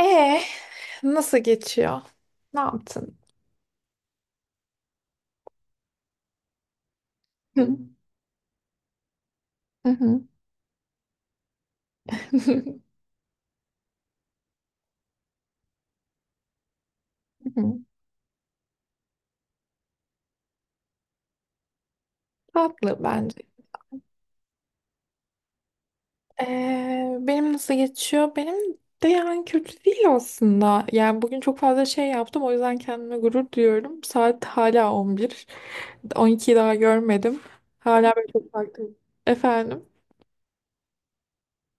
E, nasıl geçiyor? Ne yaptın? Hı. Hı hı. Hı. Hı. Tatlı bence. Benim nasıl geçiyor? Benim de yani kötü değil aslında. Yani bugün çok fazla şey yaptım. O yüzden kendime gurur duyuyorum. Saat hala 11, on 12'yi daha görmedim. Hala böyle çok farklı. Efendim?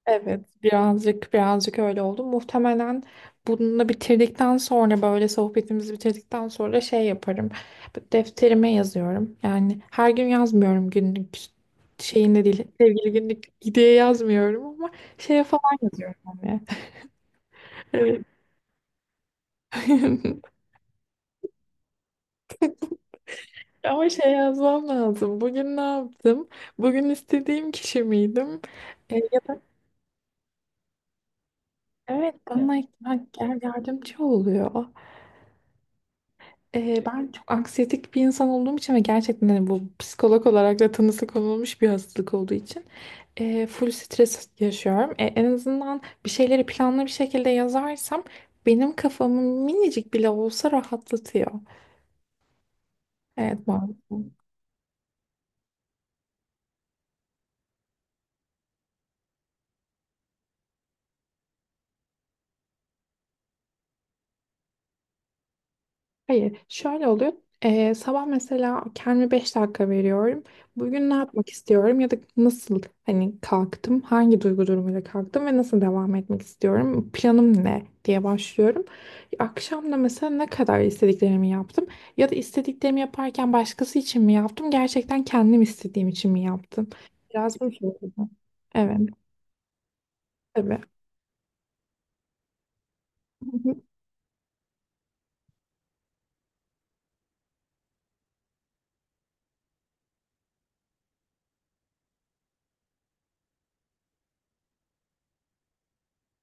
Evet, birazcık öyle oldu. Muhtemelen bunu bitirdikten sonra, böyle sohbetimizi bitirdikten sonra şey yaparım. Defterime yazıyorum. Yani her gün yazmıyorum, günlük şeyinde değil. Sevgili günlük diye yazmıyorum ama şeye falan yazıyorum hani. Evet. Ama şey, yazmam lazım. Bugün ne yaptım? Bugün istediğim kişi miydim? E, Evet, bana yardımcı oluyor. Ben çok anksiyetik bir insan olduğum için ve gerçekten hani bu, psikolog olarak da tanısı konulmuş bir hastalık olduğu için full stres yaşıyorum. E, en azından bir şeyleri planlı bir şekilde yazarsam benim kafamı minicik bile olsa rahatlatıyor. Evet, bu... Hayır, şöyle oluyor. Sabah mesela kendime 5 dakika veriyorum. Bugün ne yapmak istiyorum ya da nasıl, hani kalktım, hangi duygu durumuyla kalktım ve nasıl devam etmek istiyorum, planım ne diye başlıyorum. Akşam da mesela ne kadar istediklerimi yaptım ya da istediklerimi yaparken başkası için mi yaptım, gerçekten kendim istediğim için mi yaptım? Biraz bu şekilde. Evet, tabii. Hı hı.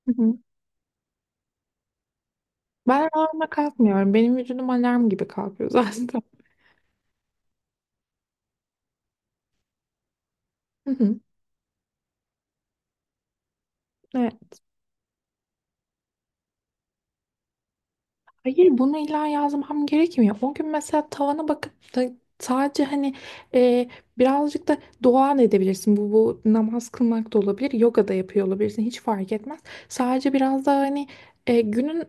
Hı hı. Ben alarma kalkmıyorum. Benim vücudum alarm gibi kalkıyor zaten. Hı hı. Hayır, bunu illa yazmam gerekmiyor. O gün mesela tavana bakıp da sadece hani e, birazcık da dua da edebilirsin. Bu, bu namaz kılmak da olabilir. Yoga da yapıyor olabilirsin. Hiç fark etmez. Sadece biraz daha hani günün,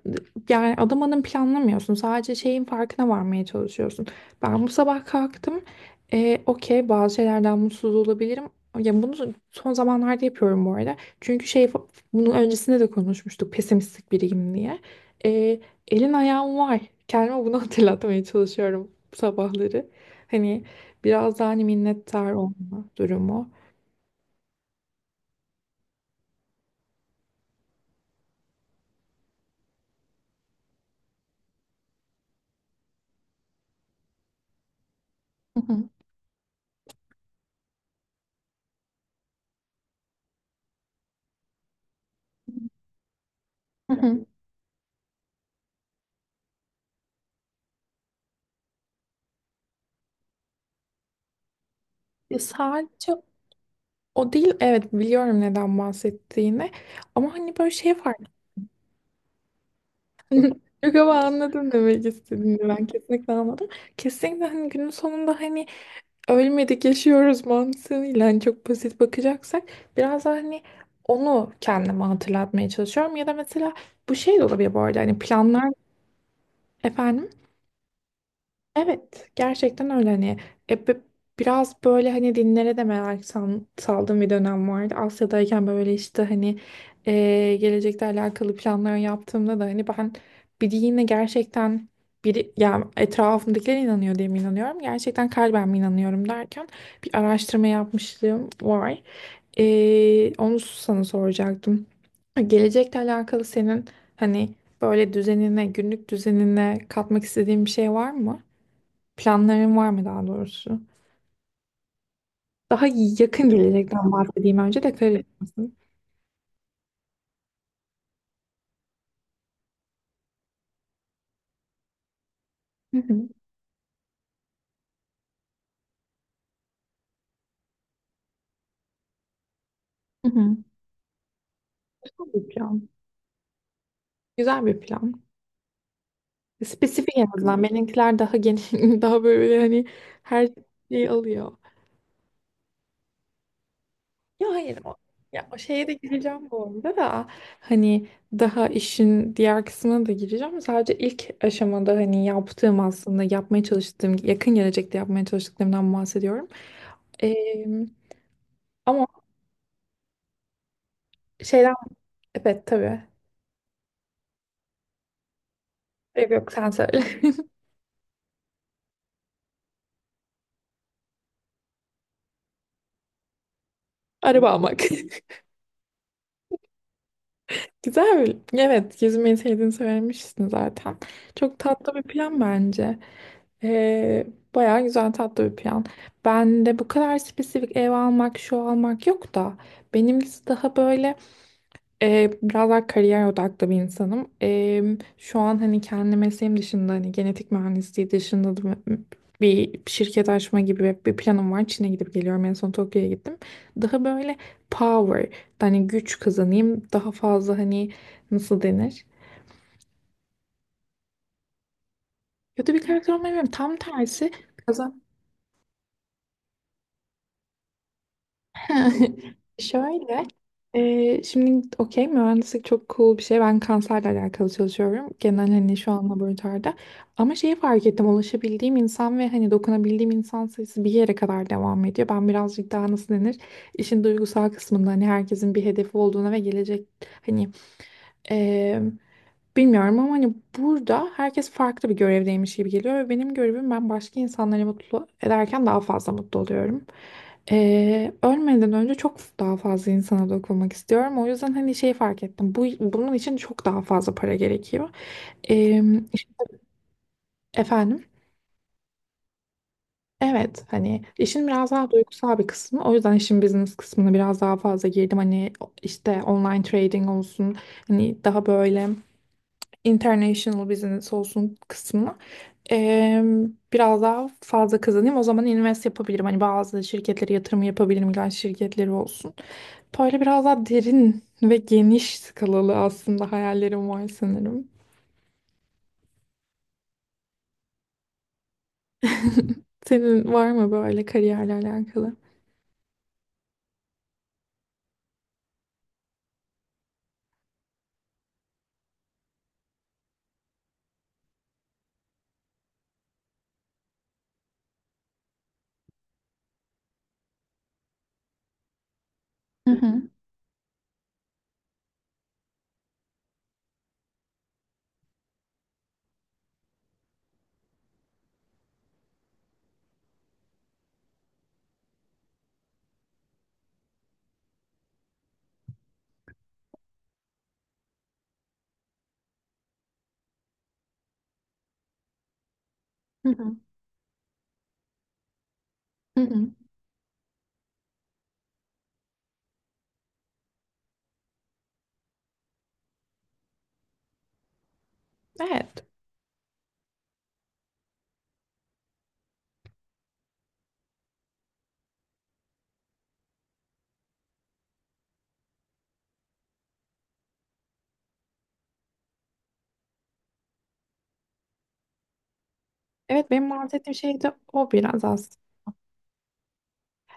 yani adım adım planlamıyorsun. Sadece şeyin farkına varmaya çalışıyorsun. Ben bu sabah kalktım. E, okey, bazı şeylerden mutsuz olabilirim. Ya bunu son zamanlarda yapıyorum bu arada. Çünkü şey, bunun öncesinde de konuşmuştuk pesimistik biriyim diye. Elin ayağım var. Kendime bunu hatırlatmaya çalışıyorum sabahları. Hani biraz daha hani minnettar olma durumu. Hı hı. Hı hı. Ya sadece o değil. Evet, biliyorum neden bahsettiğini. Ama hani böyle şey fark ettim. Yok, ama anladım demek istediğini. Ben kesinlikle anladım. Kesinlikle hani günün sonunda hani ölmedik yaşıyoruz mantığıyla, hani çok basit bakacaksak, biraz daha hani onu kendime hatırlatmaya çalışıyorum. Ya da mesela bu şey de olabilir bu arada, hani planlar... Efendim? Evet, gerçekten öyle hani e, bi- biraz böyle hani dinlere de saldığım bir dönem vardı. Asya'dayken böyle işte hani gelecekle alakalı planlar yaptığımda da, hani ben bir dine gerçekten, biri, yani etrafımdakiler inanıyor diye mi inanıyorum? Gerçekten kalben mi inanıyorum derken bir araştırma yapmışlığım var. Onu sana soracaktım. Gelecekle alakalı senin hani böyle düzenine, günlük düzenine katmak istediğin bir şey var mı? Planların var mı, daha doğrusu? Daha yakın gelecekten bahsedeyim önce, de karışmasın. Hı hı. Hı hı. Güzel bir plan. Güzel bir plan. Spesifik en azından. Benimkiler daha geniş, daha böyle hani her şeyi alıyor. Ya hayır o, ya o şeye de gireceğim bu arada da, hani daha işin diğer kısmına da gireceğim. Sadece ilk aşamada hani yaptığım, aslında yapmaya çalıştığım, yakın gelecekte yapmaya çalıştıklarımdan bahsediyorum. Ee, Ama şeyden... Evet, tabii. Yok yok, sen söyle. Araba almak. Güzel. Evet, yüzmeyi sevdiğini söylemişsin zaten. Çok tatlı bir plan bence. Ee, Bayağı güzel, tatlı bir plan. Ben de bu kadar spesifik ev almak, şu almak yok da, benimkisi daha böyle biraz daha kariyer odaklı bir insanım. E, şu an hani kendi mesleğim dışında, hani genetik mühendisliği dışında da bir şirket açma gibi bir planım var. Çin'e gidip geliyorum. En son Tokyo'ya gittim. Daha böyle power, hani güç kazanayım. Daha fazla hani, nasıl denir? Kötü bir karakter olmayayım. Tam tersi. Şöyle, şimdi okey, mühendislik çok cool bir şey. Ben kanserle alakalı çalışıyorum. Genel, hani şu an laboratuvarda. Ama şeyi fark ettim. Ulaşabildiğim insan ve hani dokunabildiğim insan sayısı bir yere kadar devam ediyor. Ben birazcık daha, nasıl denir, işin duygusal kısmında hani herkesin bir hedefi olduğuna ve gelecek hani ee, bilmiyorum, ama hani burada herkes farklı bir görevdeymiş gibi geliyor ve benim görevim, ben başka insanları mutlu ederken daha fazla mutlu oluyorum. Ölmeden önce çok daha fazla insana dokunmak istiyorum. O yüzden hani şey fark ettim. Bu, bunun için çok daha fazla para gerekiyor. Ee, efendim? Evet, hani işin biraz daha duygusal bir kısmı. O yüzden işin business kısmına biraz daha fazla girdim. Hani işte online trading olsun. Hani daha böyle international business olsun kısmına eee, biraz daha fazla kazanayım. O zaman invest yapabilirim. Hani bazı şirketlere yatırım yapabilirim. İlaç şirketleri olsun. Böyle biraz daha derin ve geniş skalalı aslında hayallerim var sanırım. Senin var mı böyle kariyerle alakalı? Hı hı. Hı hı. Hı hı. Evet. Evet, benim bahsettiğim şey de o biraz.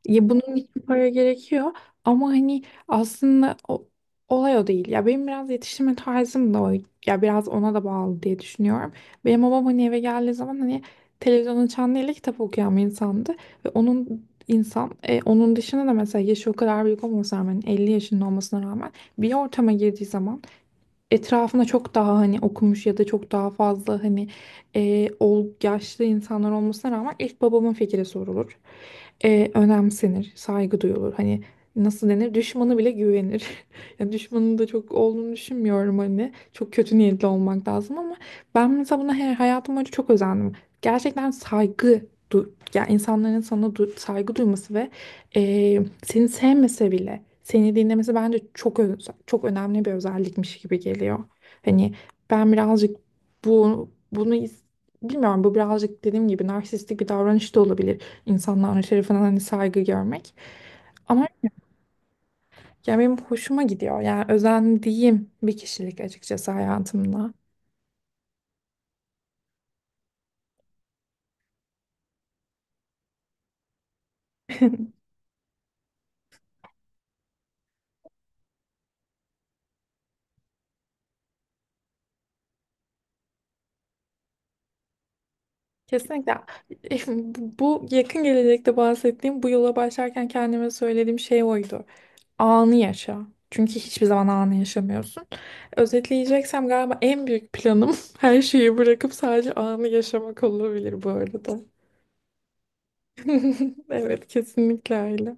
Ya bunun için para gerekiyor, ama hani aslında o, olay o değil. Ya benim biraz yetiştirme tarzım da o. Ya biraz ona da bağlı diye düşünüyorum. Benim babam hani eve geldiği zaman hani televizyon açan değil de kitap okuyan bir insandı. Ve onun, insan, onun dışında da mesela yaşı o kadar büyük olmasına rağmen, 50 yaşında olmasına rağmen, bir ortama girdiği zaman etrafında çok daha hani okumuş ya da çok daha fazla hani yaşlı insanlar olmasına rağmen ilk babamın fikri sorulur. E, önemsenir, saygı duyulur. Hani, nasıl denir, düşmanı bile güvenir. Yani düşmanın da çok olduğunu düşünmüyorum hani. Çok kötü niyetli olmak lazım, ama ben mesela buna her hayatım boyunca çok özendim. Gerçekten saygı ya, insanların sana saygı duyması ve seni sevmese bile seni dinlemesi bence çok önemli bir özellikmiş gibi geliyor. Hani ben birazcık bu bunu is- bilmiyorum, bu birazcık dediğim gibi narsistik bir davranış da olabilir. İnsanların şerefine hani saygı görmek. Ama ya, benim hoşuma gidiyor. Yani özendiğim bir kişilik açıkçası hayatımda. Kesinlikle. Bu yakın gelecekte bahsettiğim bu yola başlarken kendime söylediğim şey oydu: anı yaşa. Çünkü hiçbir zaman anı yaşamıyorsun. Özetleyeceksem galiba en büyük planım her şeyi bırakıp sadece anı yaşamak olabilir bu arada. Evet, kesinlikle öyle.